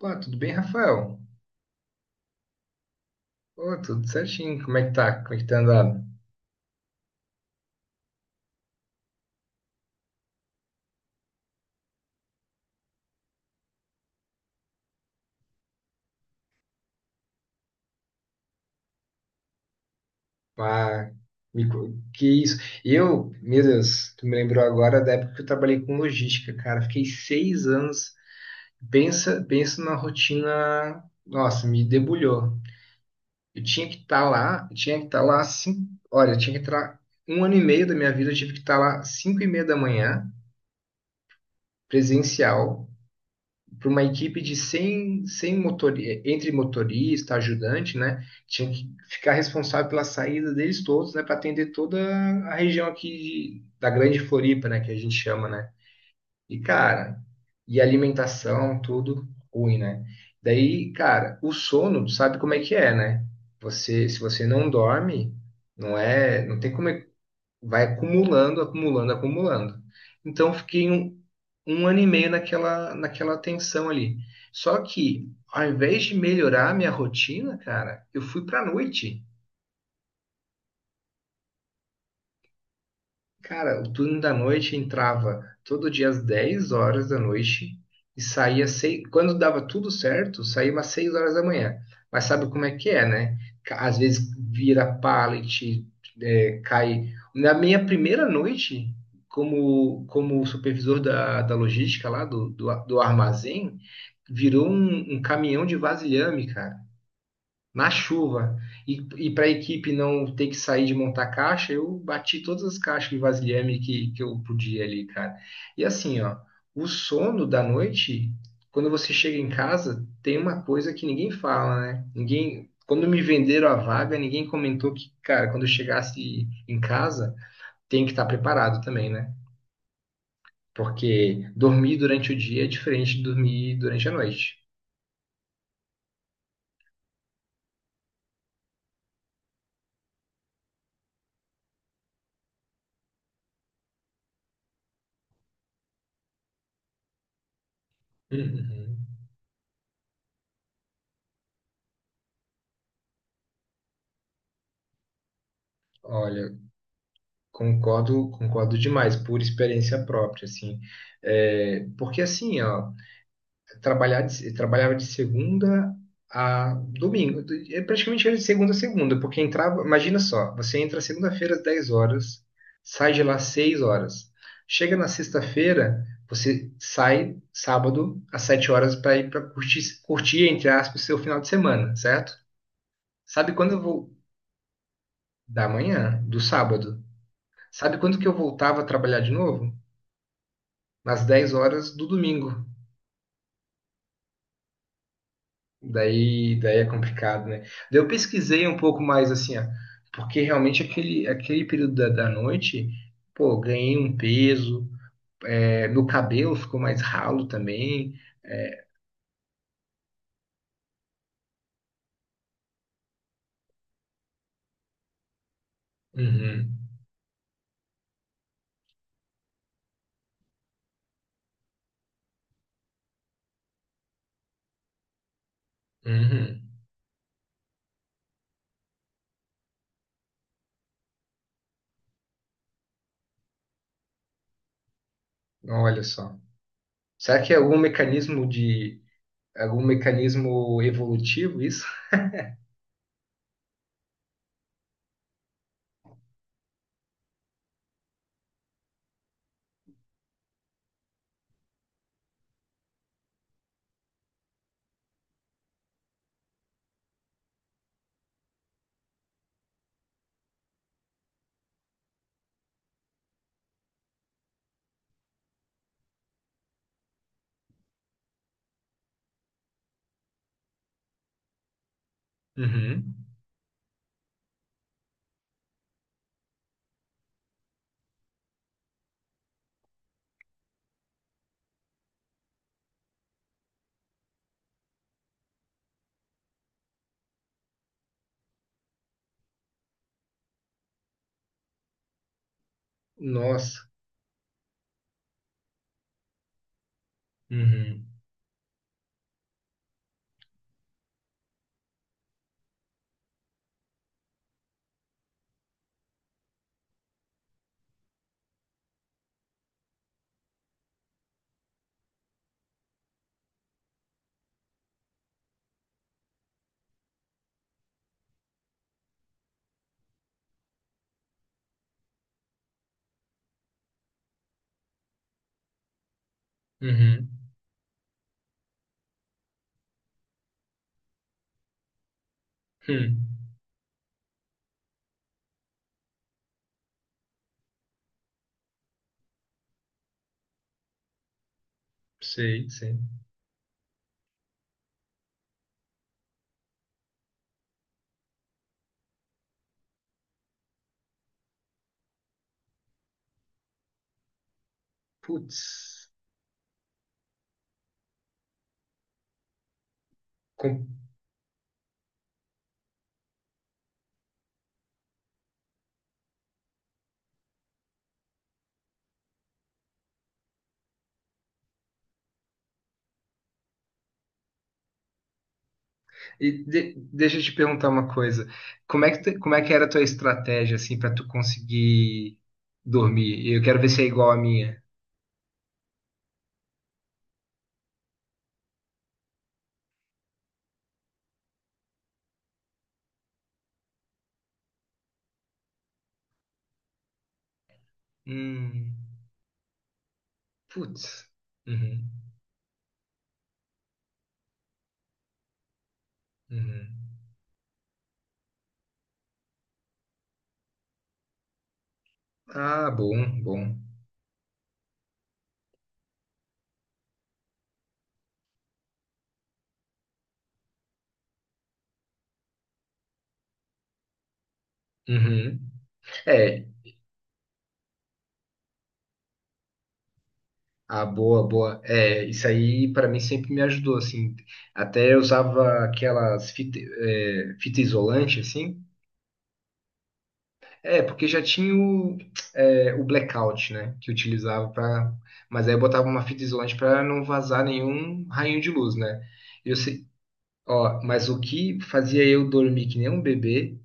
Pô, tudo bem, Rafael? Pô, tudo certinho. Como é que tá? Como é que tá andado? Ah, que isso? Eu, meu Deus, tu me lembrou agora da época que eu trabalhei com logística, cara. Fiquei 6 anos. Pensa, pensa numa rotina. Nossa, me debulhou. Eu tinha que estar lá, eu tinha que estar lá cinco. Olha, eu tinha que estar um ano e meio da minha vida, eu tive que estar lá 5h30 da manhã, presencial. Para uma equipe de 100 100 motor entre motorista, ajudante, né? Tinha que ficar responsável pela saída deles todos, né? Para atender toda a região aqui da Grande Floripa, né? Que a gente chama, né? E, cara, e alimentação, tudo ruim, né? Daí, cara, o sono, tu sabe como é que é, né? Você, se você não dorme, não é, não tem como, vai acumulando, acumulando, acumulando. Então, eu fiquei um ano e meio naquela tensão ali. Só que, ao invés de melhorar a minha rotina, cara, eu fui pra noite. Cara, o turno da noite entrava todo dia às 22h da noite e saía seis, quando dava tudo certo, saía umas 6 horas da manhã. Mas sabe como é que é, né? Às vezes vira pallet, é, cai. Na minha primeira noite, como, como supervisor da logística lá do armazém, virou um caminhão de vasilhame, cara, na chuva. E, e para a equipe não ter que sair de montar caixa, eu bati todas as caixas de vasilhame que eu podia ali, cara. E assim, ó, o sono da noite, quando você chega em casa, tem uma coisa que ninguém fala, né? Ninguém. Quando me venderam a vaga, ninguém comentou que, cara, quando eu chegasse em casa, tem que estar preparado também, né? Porque dormir durante o dia é diferente de dormir durante a noite. Uhum. Olha, concordo, concordo demais, por experiência própria, assim. É, porque assim, ó, trabalhava de segunda a domingo, é praticamente era de segunda a segunda, porque entrava, imagina só, você entra segunda-feira às 10 horas, sai de lá às 6 horas. Chega na sexta-feira, você sai sábado às 7 horas para ir para curtir, curtir, entre aspas, seu final de semana, certo? Sabe quando eu vou? Da manhã, do sábado. Sabe quando que eu voltava a trabalhar de novo? Nas 10 horas do domingo. Daí é complicado, né? Daí eu pesquisei um pouco mais assim, ó, porque realmente aquele período da noite, pô, ganhei um peso, é, meu cabelo ficou mais ralo também. Uhum, uhum. Olha só. Será que é algum mecanismo de algum mecanismo evolutivo isso? Uhum. Nossa. Uhum. Uhum. Hum. Sei, sei. Putz. E deixa eu te perguntar uma coisa. Como é que, como é que era a tua estratégia, assim, para tu conseguir dormir? E eu quero ver se é igual à minha. Hum, putz. Uhum, uhum. Ah, bom, bom. Uhum. É, ah, boa, boa. É, isso aí para mim sempre me ajudou, assim. Até eu usava aquelas fita, é, fita isolante, assim. É, porque já tinha o, é, o blackout, né? Que utilizava para. Mas aí eu botava uma fita isolante para não vazar nenhum raio de luz, né? Eu sei, ó, mas o que fazia eu dormir que nem um bebê,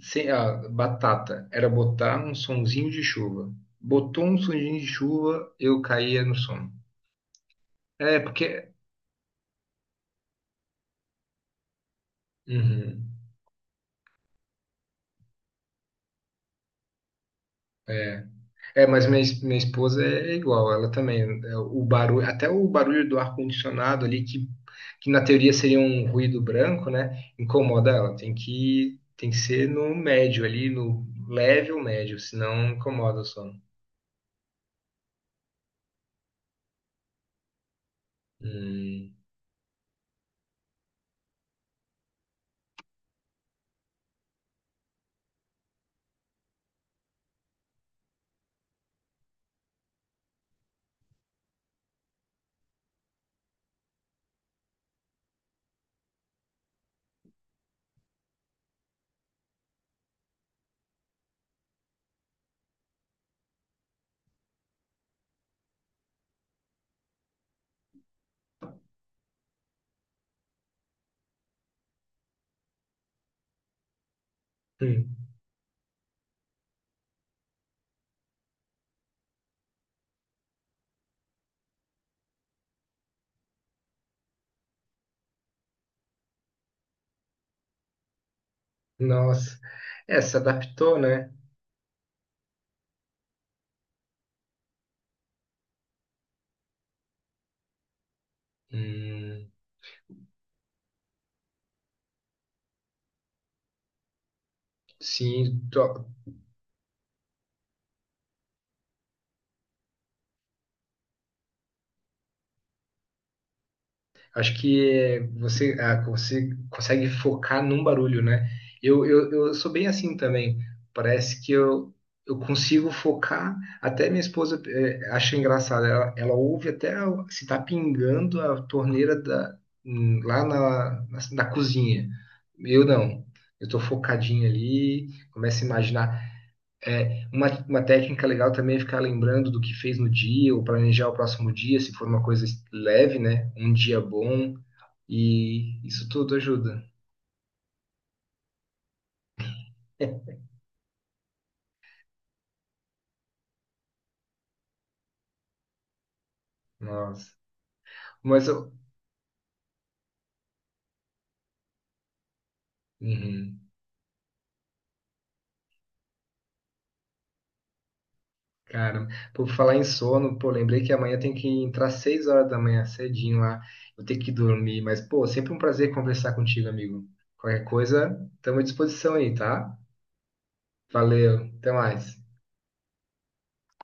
sem, ó, batata, era botar um sonzinho de chuva. Botou um sonzinho de chuva, eu caía no sono. É, porque. Uhum. É. É, mas minha, minha esposa é igual, ela também. É, o barulho, até o barulho do ar-condicionado ali, que na teoria seria um ruído branco, né? Incomoda ela. Tem que ser no médio ali, no leve ou médio, senão incomoda o sono. Hum, hum, nossa. É, se adaptou, né? Hum, sim. Acho que você, ah, você consegue focar num barulho, né? Eu sou bem assim também. Parece que eu, consigo focar. Até minha esposa acha engraçado. Ela ouve até o- se tá pingando a torneira da, lá na cozinha. Eu não. Eu tô focadinho ali, começo a imaginar. É, uma técnica legal também é ficar lembrando do que fez no dia, ou planejar o próximo dia, se for uma coisa leve, né? Um dia bom, e isso tudo ajuda. Nossa. Mas eu. Uhum. Cara, por falar em sono, pô, lembrei que amanhã tem que entrar 6 horas da manhã, cedinho lá. Vou ter que dormir, mas, pô, sempre um prazer conversar contigo, amigo. Qualquer coisa, estamos à disposição aí, tá? Valeu, até mais.